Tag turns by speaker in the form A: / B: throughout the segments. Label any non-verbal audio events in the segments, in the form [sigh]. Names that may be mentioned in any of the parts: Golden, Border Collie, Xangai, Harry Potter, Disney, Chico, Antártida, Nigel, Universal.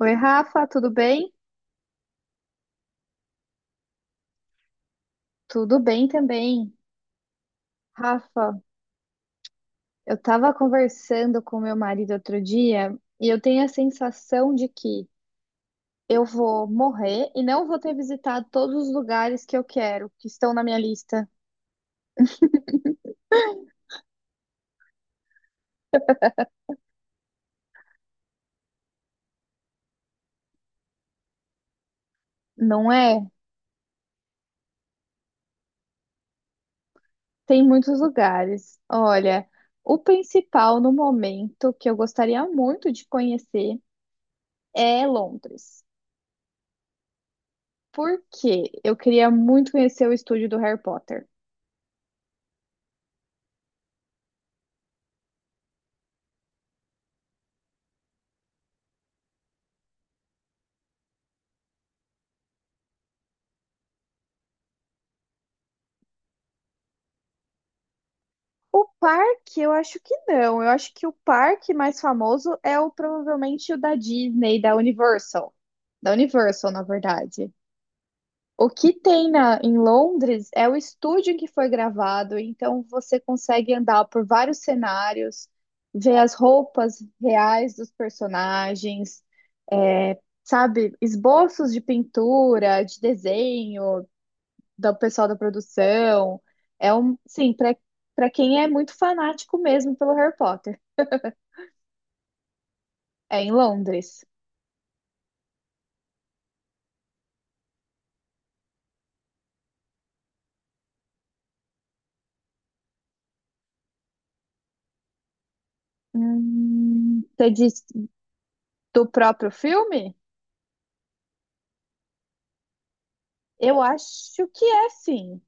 A: Oi, Rafa, tudo bem? Tudo bem também. Rafa, eu estava conversando com meu marido outro dia e eu tenho a sensação de que eu vou morrer e não vou ter visitado todos os lugares que eu quero, que estão na minha lista. Não é? Tem muitos lugares. Olha, o principal no momento que eu gostaria muito de conhecer é Londres. Porque eu queria muito conhecer o estúdio do Harry Potter. O parque, eu acho que não. Eu acho que o parque mais famoso é o provavelmente o da Disney, da Universal. Da Universal, na verdade. O que tem na, em Londres é o estúdio em que foi gravado, então você consegue andar por vários cenários, ver as roupas reais dos personagens, é, sabe, esboços de pintura, de desenho, do pessoal da produção. É um, sim, para quem é muito fanático mesmo pelo Harry Potter. É em Londres. Você disse do próprio filme? Eu acho que é, sim.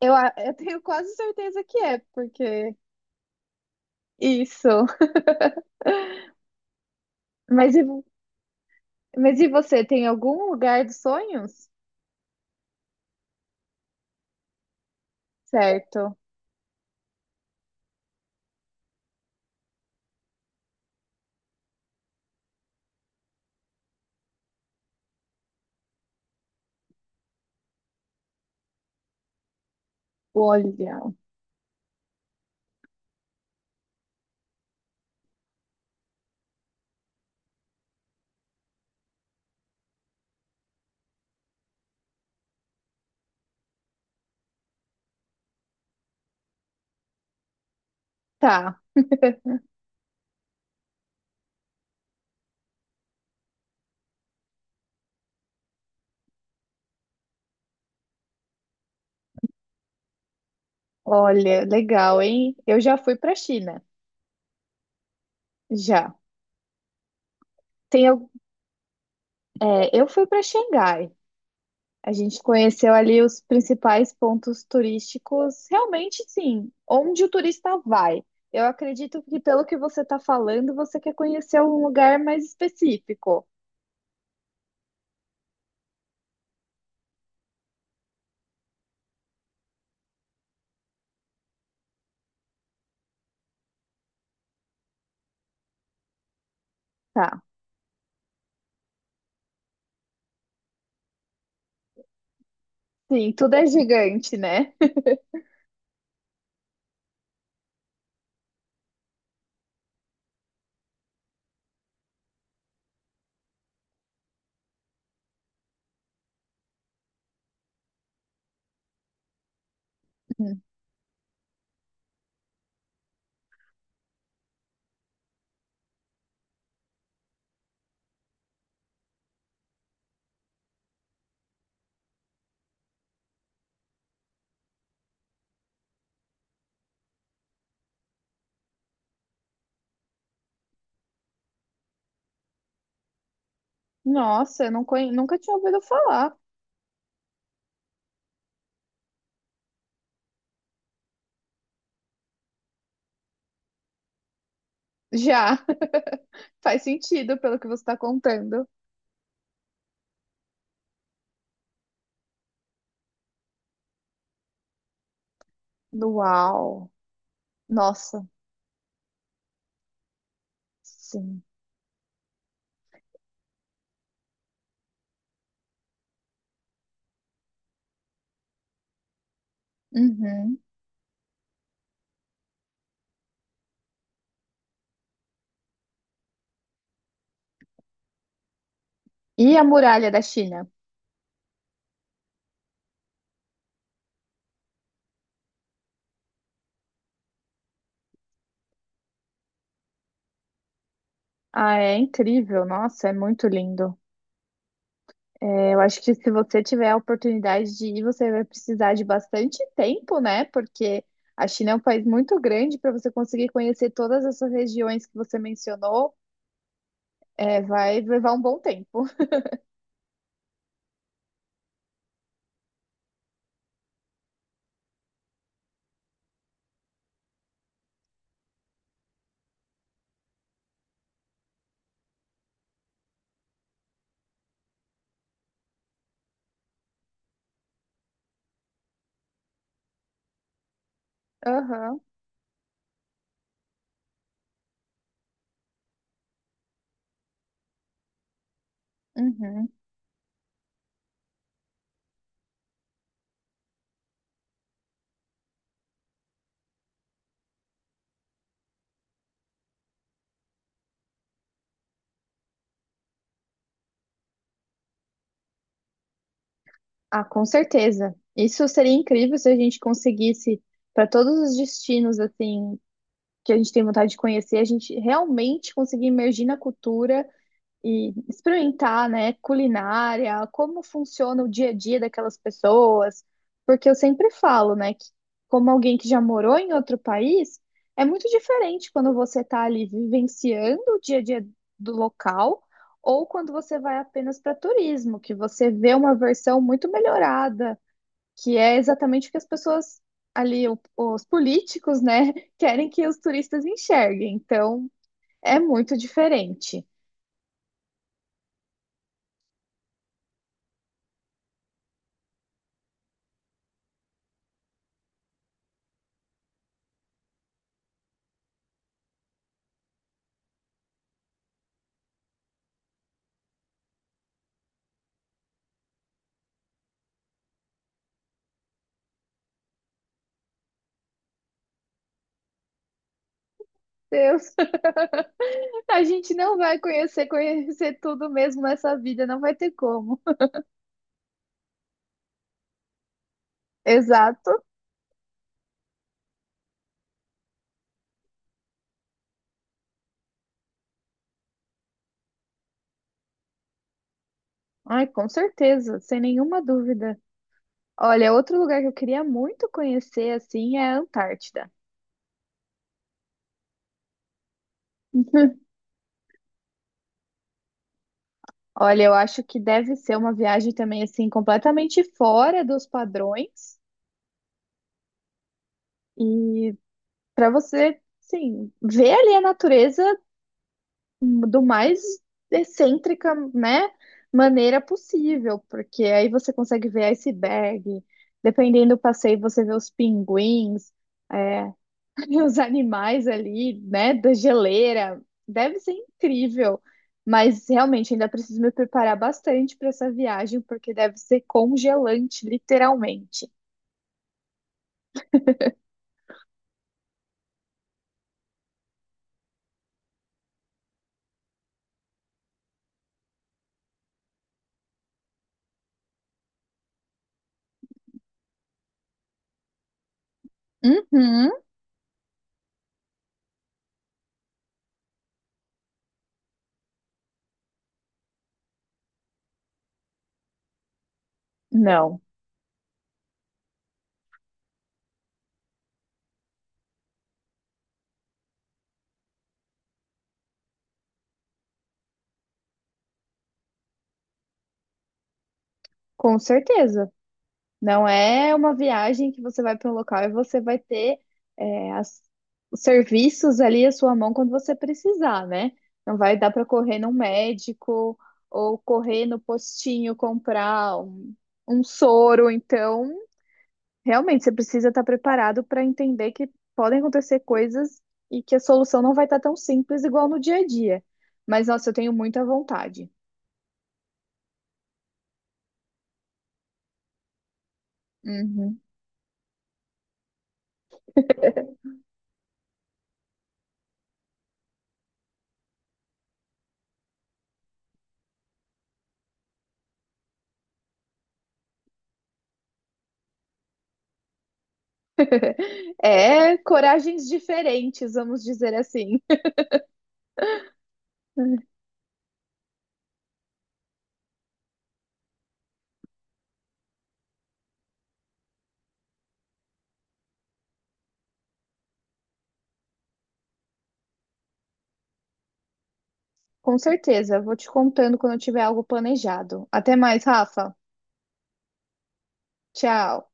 A: Eu tenho quase certeza que é, porque isso. Mas e, vo- mas e você, tem algum lugar dos sonhos? Certo. Olha. Tá. Olha, legal, hein? Eu já fui pra China. Já. Tem, al- eu fui pra Xangai. A gente conheceu ali os principais pontos turísticos, realmente sim, onde o turista vai. Eu acredito que pelo que você está falando, você quer conhecer um lugar mais específico. Tá. Sim, tudo é gigante, né? [laughs] Uhum. Nossa, eu não conhe- nunca tinha ouvido falar. Já [laughs] faz sentido pelo que você está contando. Uau! Nossa, sim. Uhum. E a muralha da China? Ah, é incrível. Nossa, é muito lindo. É, eu acho que se você tiver a oportunidade de ir, você vai precisar de bastante tempo, né? Porque a China é um país muito grande para você conseguir conhecer todas essas regiões que você mencionou, é, vai levar um bom tempo. [laughs] Aham, uhum. Ah, com certeza. Isso seria incrível se a gente conseguisse, para todos os destinos assim que a gente tem vontade de conhecer, a gente realmente conseguir imergir na cultura e experimentar, né, culinária, como funciona o dia a dia daquelas pessoas, porque eu sempre falo, né, que como alguém que já morou em outro país, é muito diferente quando você está ali vivenciando o dia a dia do local ou quando você vai apenas para turismo, que você vê uma versão muito melhorada, que é exatamente o que as pessoas ali, os políticos, né, [laughs] querem que os turistas enxerguem. Então, é muito diferente. Eu A gente não vai conhecer tudo mesmo nessa vida, não vai ter como. [laughs] Exato. Ai, com certeza, sem nenhuma dúvida. Olha, outro lugar que eu queria muito conhecer, assim, é a Antártida. [laughs] Olha, eu acho que deve ser uma viagem também, assim, completamente fora dos padrões. E para você, sim, ver ali a natureza do mais excêntrica, né, maneira possível, porque aí você consegue ver iceberg, dependendo do passeio, você vê os pinguins, é, [laughs] os animais ali, né, da geleira. Deve ser incrível, mas realmente ainda preciso me preparar bastante para essa viagem, porque deve ser congelante, literalmente. Uhum, não, com certeza. Não é uma viagem que você vai para um local e você vai ter é, as- os serviços ali à sua mão quando você precisar, né? Não vai dar para correr num médico ou correr no postinho um soro. Então, realmente, você precisa estar preparado para entender que podem acontecer coisas e que a solução não vai estar tão simples igual no dia a dia. Mas, nossa, eu tenho muita vontade. Uhum. É coragens diferentes, vamos dizer assim. [laughs] Com certeza, vou te contando quando eu tiver algo planejado. Até mais, Rafa. Tchau.